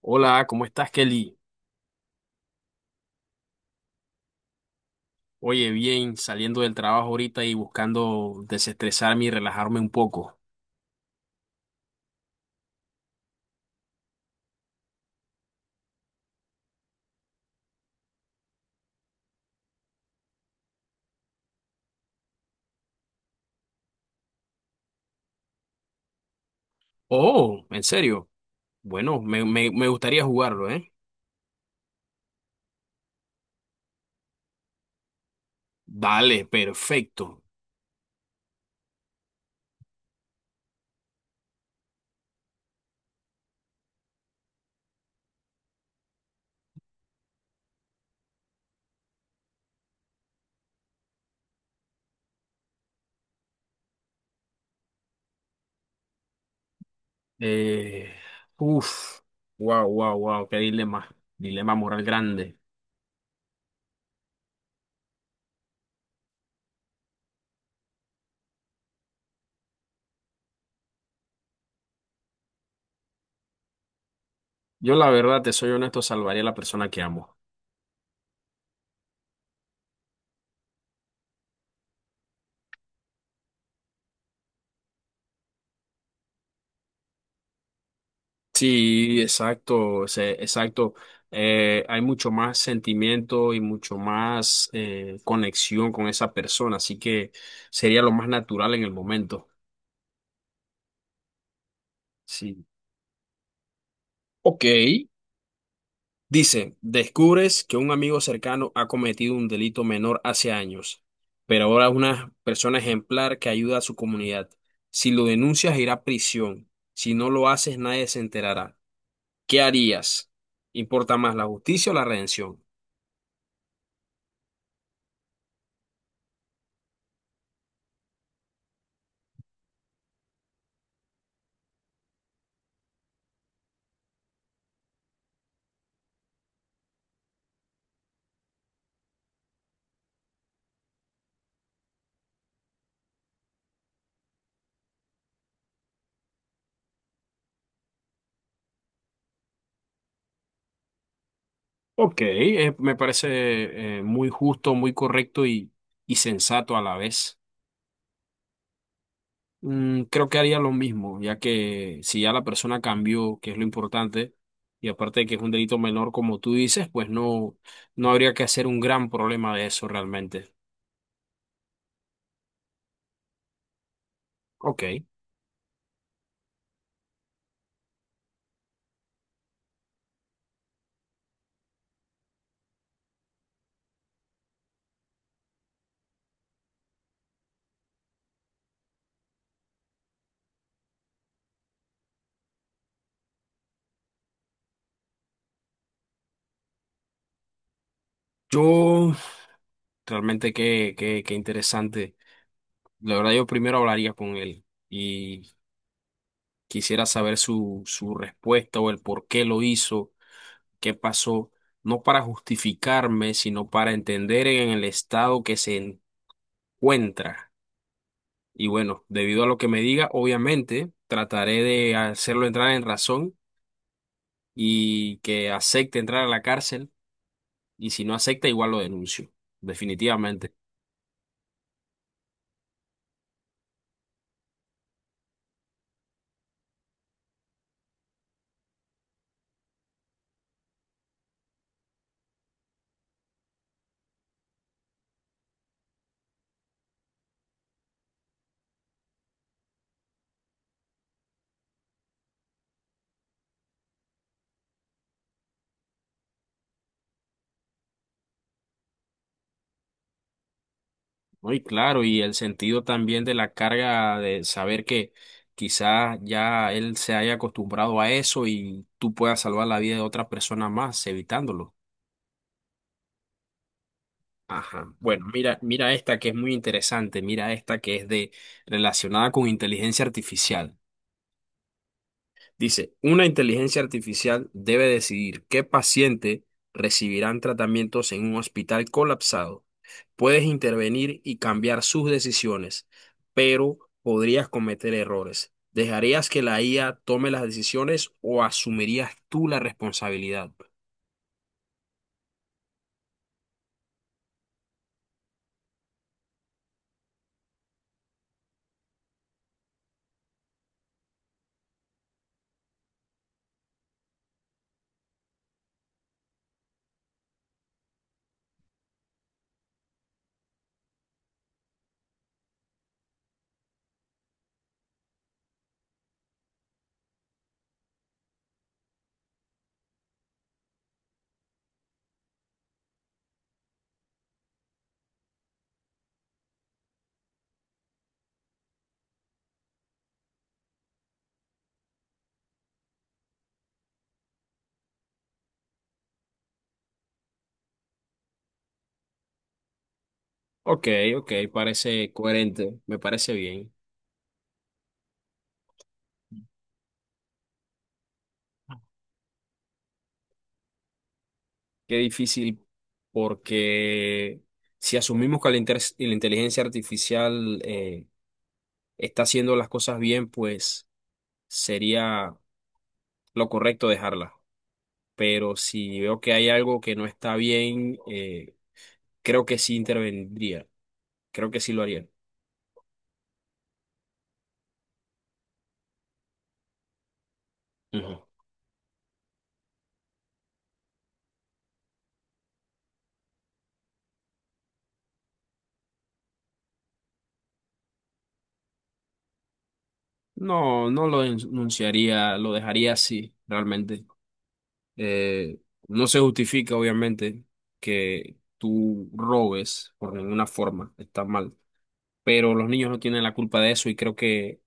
Hola, ¿cómo estás, Kelly? Oye, bien, saliendo del trabajo ahorita y buscando desestresarme y relajarme un poco. Oh, ¿en serio? Bueno, me gustaría jugarlo, ¿eh? Dale, perfecto. Eh, uf, wow, wow, wow, qué dilema. Dilema moral grande. Yo, la verdad, te soy honesto, salvaría a la persona que amo. Sí, exacto, exacto. Hay mucho más sentimiento y mucho más conexión con esa persona, así que sería lo más natural en el momento. Sí. Ok. Dice, descubres que un amigo cercano ha cometido un delito menor hace años, pero ahora es una persona ejemplar que ayuda a su comunidad. Si lo denuncias, irá a prisión. Si no lo haces, nadie se enterará. ¿Qué harías? ¿Importa más la justicia o la redención? Ok, me parece muy justo, muy correcto y sensato a la vez. Mm, creo que haría lo mismo, ya que si ya la persona cambió, que es lo importante, y aparte de que es un delito menor, como tú dices, pues no, no habría que hacer un gran problema de eso realmente. Ok, yo realmente qué interesante. La verdad, yo primero hablaría con él y quisiera saber su respuesta o el por qué lo hizo, qué pasó, no para justificarme, sino para entender en el estado que se encuentra. Y bueno, debido a lo que me diga, obviamente trataré de hacerlo entrar en razón y que acepte entrar a la cárcel. Y si no acepta, igual lo denuncio, definitivamente. Muy claro, y el sentido también de la carga de saber que quizás ya él se haya acostumbrado a eso y tú puedas salvar la vida de otra persona más evitándolo. Ajá. Bueno, mira, mira esta que es muy interesante, mira esta que es de relacionada con inteligencia artificial. Dice, una inteligencia artificial debe decidir qué paciente recibirán tratamientos en un hospital colapsado. Puedes intervenir y cambiar sus decisiones, pero podrías cometer errores. ¿Dejarías que la IA tome las decisiones o asumirías tú la responsabilidad? Ok, ok, parece coherente, me parece bien. Qué difícil, porque si asumimos que la inteligencia artificial está haciendo las cosas bien, pues sería lo correcto dejarla. Pero si veo que hay algo que no está bien, creo que sí intervendría. Creo que sí lo haría. Ujú. No, no lo denunciaría, lo dejaría así, realmente. Eh, no se justifica, obviamente, que tú robes por ninguna forma. Está mal, pero los niños no tienen la culpa de eso y creo que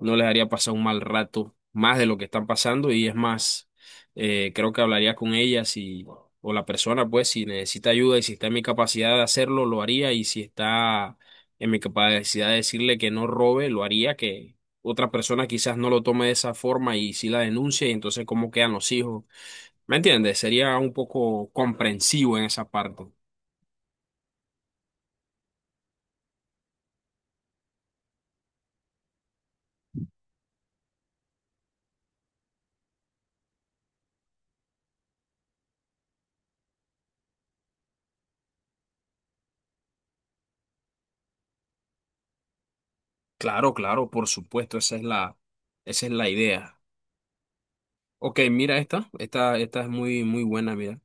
no les haría pasar un mal rato más de lo que están pasando y es más, creo que hablaría con ellas y, o la persona, pues, si necesita ayuda y si está en mi capacidad de hacerlo, lo haría, y si está en mi capacidad de decirle que no robe, lo haría, que otra persona quizás no lo tome de esa forma y si la denuncia, y entonces cómo quedan los hijos. ¿Me entiendes? Sería un poco comprensivo en esa parte. Claro, claro, por supuesto, esa es esa es la idea. Ok, mira esta. Esta es muy, muy buena, mira.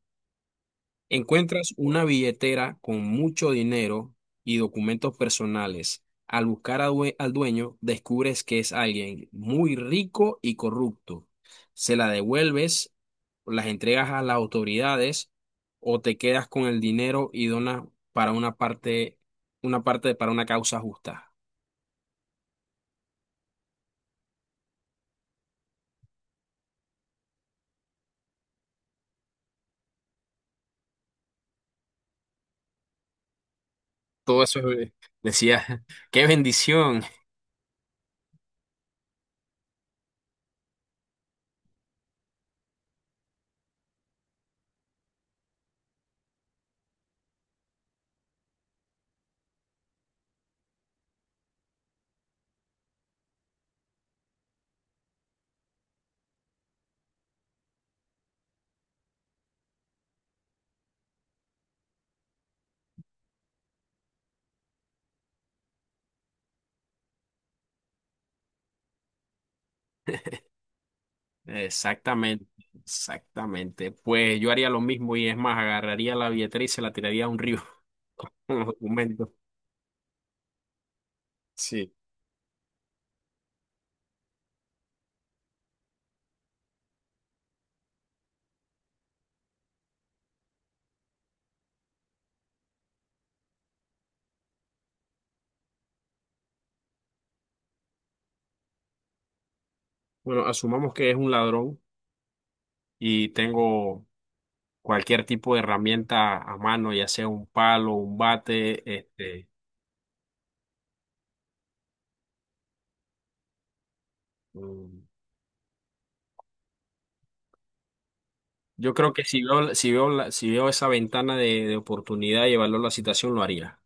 Encuentras una billetera con mucho dinero y documentos personales. Al buscar al dueño, descubres que es alguien muy rico y corrupto. ¿Se la devuelves, las entregas a las autoridades o te quedas con el dinero y donas para una parte, una parte para una causa justa? Todo eso decía, qué bendición. Exactamente, exactamente. Pues yo haría lo mismo y es más, agarraría la billetera y se la tiraría a un río con los documentos. Sí. Bueno, asumamos que es un ladrón y tengo cualquier tipo de herramienta a mano, ya sea un palo, un bate, este, mm, yo creo que si veo, si veo, si veo esa ventana de oportunidad y evaluar la situación, lo haría.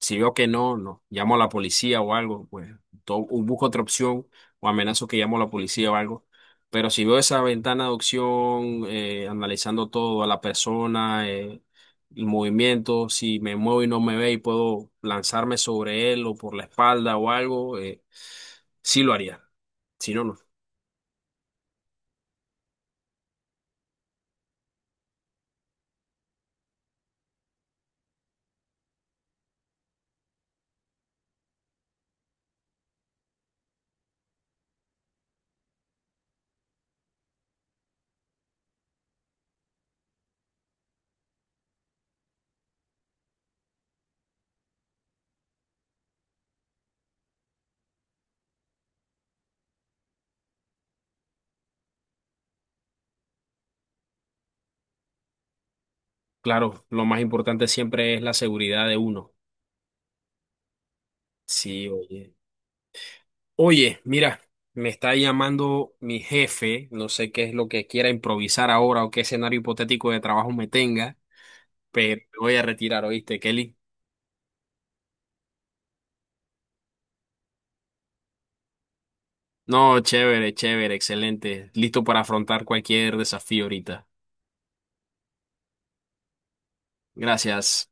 Si veo que no, no, llamo a la policía o algo, pues o busco otra opción o amenazo que llamo a la policía o algo. Pero si veo esa ventana de opción, analizando todo, a la persona, el movimiento, si me muevo y no me ve y puedo lanzarme sobre él o por la espalda o algo, sí lo haría. Si no, no. Claro, lo más importante siempre es la seguridad de uno. Sí, oye. Oye, mira, me está llamando mi jefe, no sé qué es lo que quiera improvisar ahora o qué escenario hipotético de trabajo me tenga, pero me voy a retirar, ¿oíste, Kelly? No, chévere, chévere, excelente, listo para afrontar cualquier desafío ahorita. Gracias.